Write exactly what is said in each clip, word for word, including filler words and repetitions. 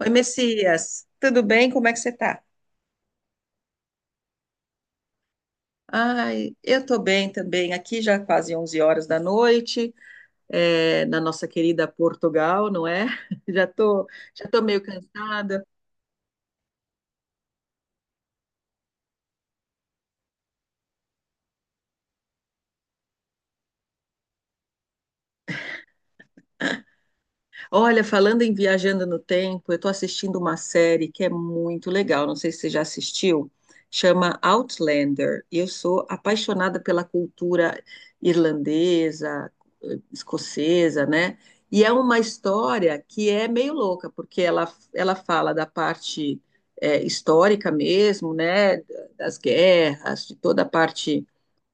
Oi, Messias, tudo bem? Como é que você tá? Ai, eu tô bem também. Aqui já quase onze horas da noite, é, na nossa querida Portugal, não é? Já tô, já tô meio cansada. Olha, falando em Viajando no Tempo, eu estou assistindo uma série que é muito legal. Não sei se você já assistiu, chama Outlander. E eu sou apaixonada pela cultura irlandesa, eh, escocesa, né? E é uma história que é meio louca, porque ela, ela fala da parte eh, histórica mesmo, né? Das guerras, de toda a parte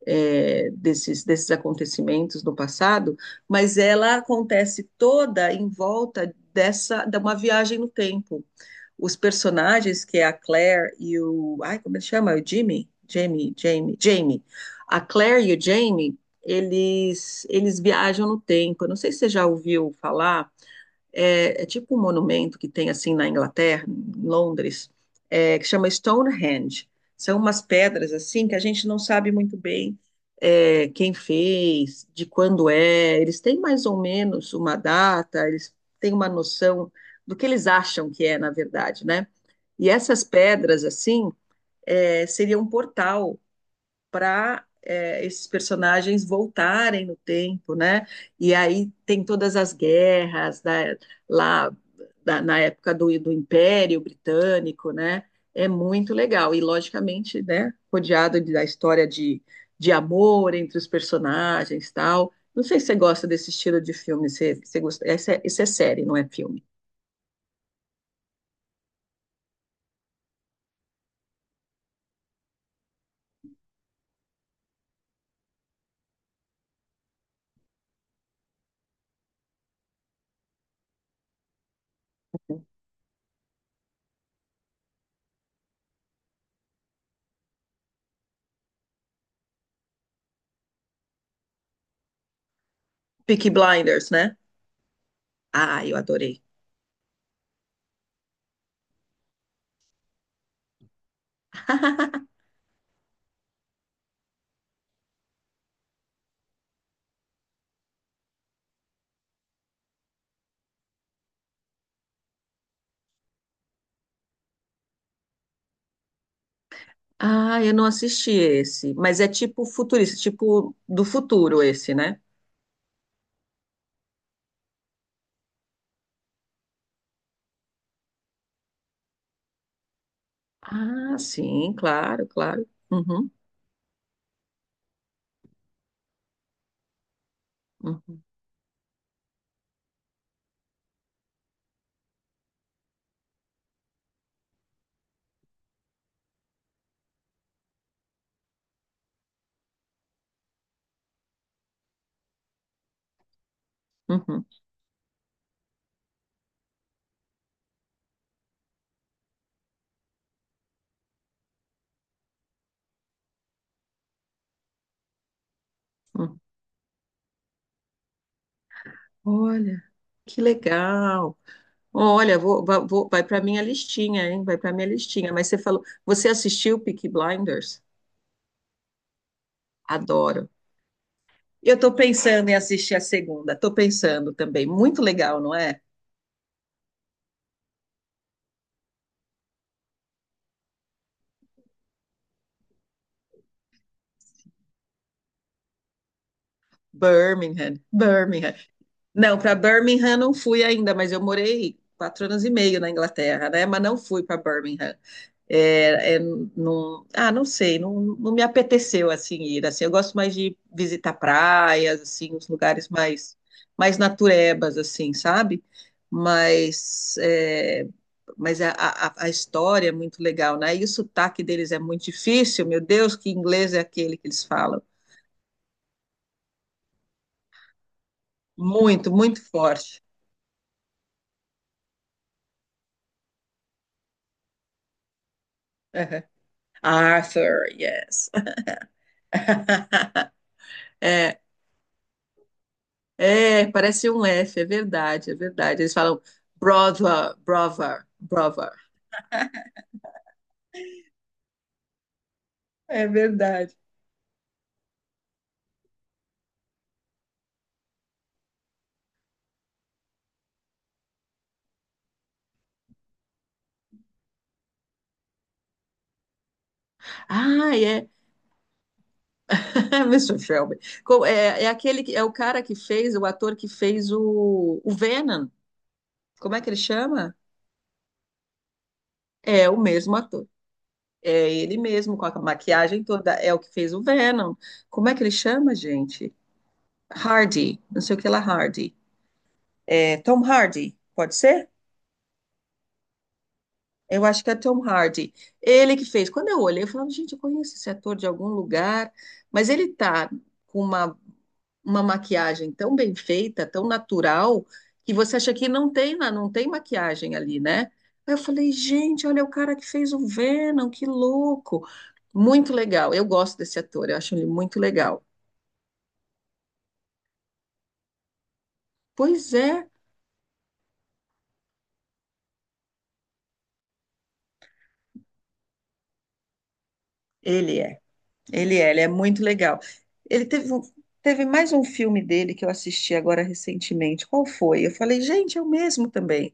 é, desses, desses acontecimentos no passado, mas ela acontece toda em volta dessa de uma viagem no tempo. Os personagens, que é a Claire e o. Ai, como ele chama? O Jimmy? Jamie, Jamie, Jamie. A Claire e o Jamie, eles, eles viajam no tempo. Eu não sei se você já ouviu falar é, é tipo um monumento que tem assim na Inglaterra, em Londres, é, que chama Stonehenge. São umas pedras assim que a gente não sabe muito bem é, quem fez, de quando é. Eles têm mais ou menos uma data, eles têm uma noção do que eles acham que é, na verdade, né? E essas pedras assim é, seria um portal para é, esses personagens voltarem no tempo, né? E aí tem todas as guerras da- lá da- na época do, do Império Britânico, né? É muito legal. E, logicamente, né, rodeado de- da história de, de amor entre os personagens tal. Não sei se você gosta desse estilo de filme. Se, se gosta, essa, é- isso é série, não é filme. Peaky Blinders, né? Ah, eu adorei. Ah, eu não assisti esse, mas é tipo futurista, tipo do futuro esse, né? Ah, sim, claro, claro. Uhum, uhum, uhum, uhum. Olha, que legal. Olha, vou, va- vou- vai para minha listinha, hein? Vai para minha listinha. Mas você falou, você assistiu Peaky Blinders? Adoro. Eu estou pensando em assistir a segunda. Estou pensando também. Muito legal, não é? Birmingham, Birmingham. Não, para Birmingham não fui ainda, mas eu morei quatro anos e meio na Inglaterra, né? Mas não fui para Birmingham. É, é, não, ah, não sei, não, não me apeteceu assim ir. Assim, eu gosto mais de visitar praias, assim, os lugares mais mais naturebas, assim, sabe? Mas é, mas a, a, a história é muito legal, né? E o sotaque deles é muito difícil. Meu Deus, que inglês é aquele que eles falam? Muito, muito forte. Aham. Arthur, yes. É, parece um F, é verdade, é verdade. Eles falam brother, brother, brother. É verdade. Ah, é. mister Shelby. Co- É, é aquele que é o cara que fez, o ator que fez o, o Venom. Como é que ele chama? É o mesmo ator. É ele mesmo, com a maquiagem toda. É o que fez o Venom. Como é que ele chama, gente? Hardy. Não sei o que lá, Hardy. É Tom Hardy. Pode ser? Eu acho que é Tom Hardy. Ele que fez. Quando eu olhei, eu falava, gente, eu conheço esse ator de algum lugar, mas ele tá com uma, uma maquiagem tão bem feita, tão natural, que você acha que não tem, na- não tem maquiagem ali, né? Aí eu falei, gente, olha o cara que fez o Venom, que louco. Muito legal. Eu gosto desse ator, eu acho ele muito legal. Pois é, ele é. Ele é, ele é muito legal. Ele teve, um- teve mais um filme dele que eu assisti agora recentemente. Qual foi? Eu falei, gente, é o mesmo também.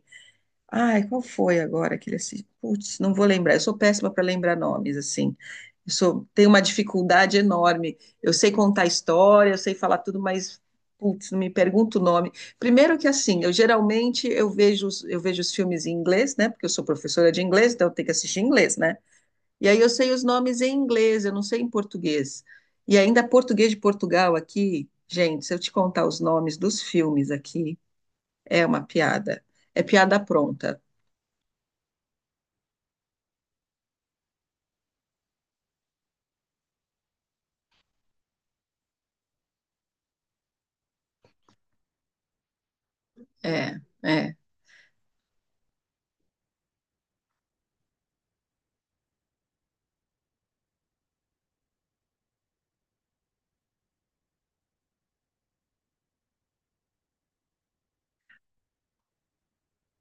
Ai, qual foi agora que ele assistiu? Putz, não vou lembrar. Eu sou péssima para lembrar nomes, assim. Eu sou, tenho uma dificuldade enorme. Eu sei contar história, eu sei falar tudo, mas, putz, não me pergunta o nome. Primeiro que, assim, eu geralmente eu vejo, os- eu vejo os filmes em inglês, né? Porque eu sou professora de inglês, então eu tenho que assistir em inglês, né? E aí eu sei os nomes em inglês, eu não sei em português. E ainda português de Portugal aqui, gente, se eu te contar os nomes dos filmes aqui, é uma piada. É piada pronta. É, é,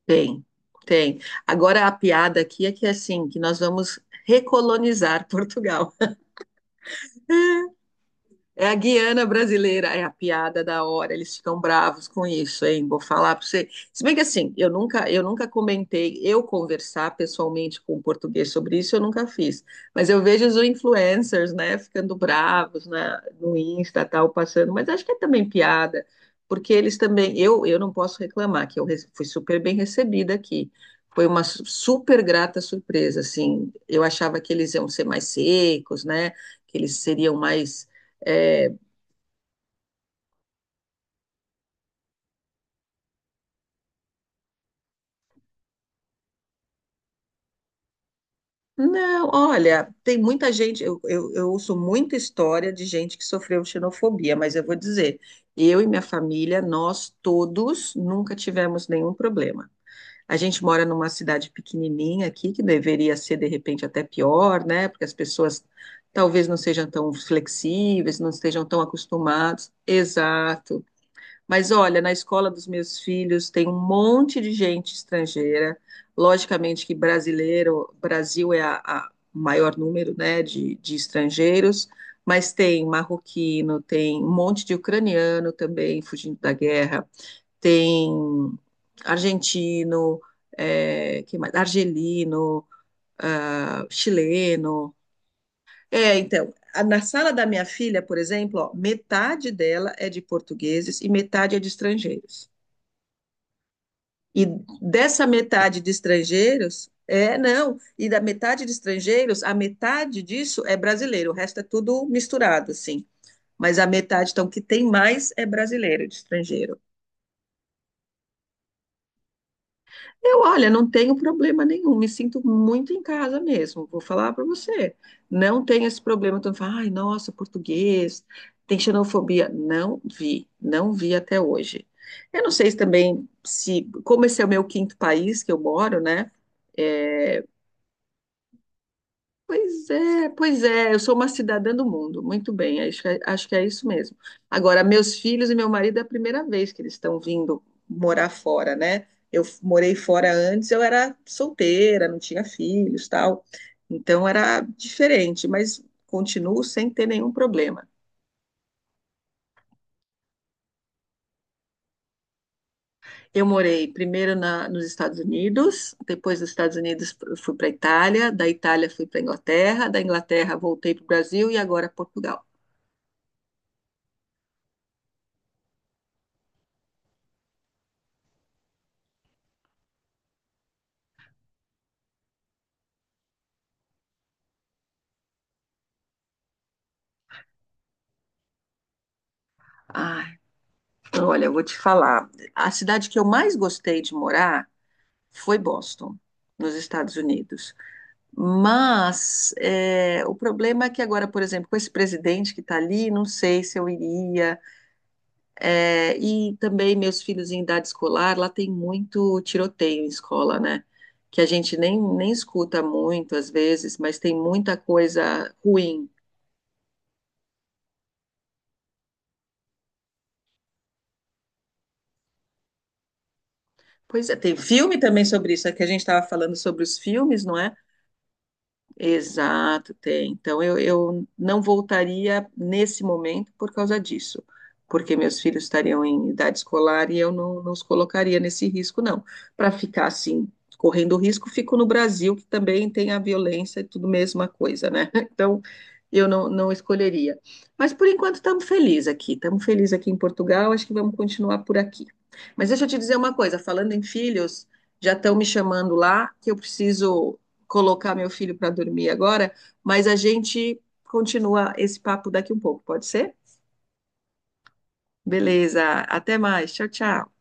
tem, tem. Agora a piada aqui é que assim, que nós vamos recolonizar Portugal. É a Guiana brasileira, é a piada da hora, eles ficam bravos com isso, hein? Vou falar para você. Se bem que assim, eu nunca, eu nunca comentei, eu conversar pessoalmente com o português sobre isso, eu nunca fiz. Mas eu vejo os influencers, né, ficando bravos na, no Insta, tal, passando, mas acho que é também piada, porque eles também, eu, eu não posso reclamar, que eu re- fui super bem recebida aqui. Foi uma su- super grata surpresa, assim. Eu achava que eles iam ser mais secos, né? Que eles seriam mais é, não, olha, tem muita gente. Eu, eu, eu ouço muita história de gente que sofreu xenofobia, mas eu vou dizer, eu e minha família, nós todos nunca tivemos nenhum problema. A gente mora numa cidade pequenininha aqui, que deveria ser de repente até pior, né? Porque as pessoas talvez não sejam tão flexíveis, não estejam tão acostumados. Exato. Mas olha, na escola dos meus filhos tem um monte de gente estrangeira. Logicamente que brasileiro, Brasil é a, a maior número, né, de, de estrangeiros, mas tem marroquino, tem um monte de ucraniano também fugindo da guerra, tem argentino, é, que mais? Argelino, ah, chileno. É, então, a- na sala da minha filha, por exemplo, ó, metade dela é de portugueses e metade é de estrangeiros. E dessa metade de estrangeiros, é, não, e da metade de estrangeiros, a metade disso é brasileiro, o resto é tudo misturado, assim. Mas a metade, então, que tem mais é brasileiro, de estrangeiro. Eu, olha, não tenho problema nenhum, me sinto muito em casa mesmo, vou falar para você. Não tenho esse problema, então, fala, ai, nossa, português, tem xenofobia. Não vi, não vi até hoje. Eu não sei se também, se, como esse é o meu quinto país que eu moro, né? é, pois é, pois é, eu sou uma cidadã do mundo, muito bem, acho que é, acho que é isso mesmo. Agora, meus filhos e meu marido é a primeira vez que eles estão vindo morar fora, né? Eu f- morei fora antes, eu era solteira, não tinha filhos, tal, então era diferente, mas continuo sem ter nenhum problema. Eu morei primeiro na, nos Estados Unidos, depois dos Estados Unidos eu fui para a Itália, da Itália fui para a Inglaterra, da Inglaterra voltei para o Brasil e agora Portugal. Ah, olha, eu vou te falar. A cidade que eu mais gostei de morar foi Boston, nos Estados Unidos. Mas é, o problema é que agora, por exemplo, com esse presidente que está ali, não sei se eu iria. É, e também meus filhos em idade escolar, lá tem muito tiroteio em escola, né? Que a gente nem, nem escuta muito às vezes, mas tem muita coisa ruim. Pois é, tem filme também sobre isso, é que a gente estava falando sobre os filmes, não é? Exato, tem. Então eu, eu não voltaria nesse momento por causa disso, porque meus filhos estariam em idade escolar e eu não, não os colocaria nesse risco, não. Para ficar assim, correndo risco, fico no Brasil, que também tem a violência e tudo mesma coisa, né? Então eu não, não escolheria. Mas por enquanto estamos felizes aqui, estamos felizes aqui em Portugal, acho que vamos continuar por aqui. Mas deixa eu te dizer uma coisa, falando em filhos, já estão me chamando lá que eu preciso colocar meu filho para dormir agora, mas a gente continua esse papo daqui um pouco, pode ser? Beleza, até mais. Tchau, tchau.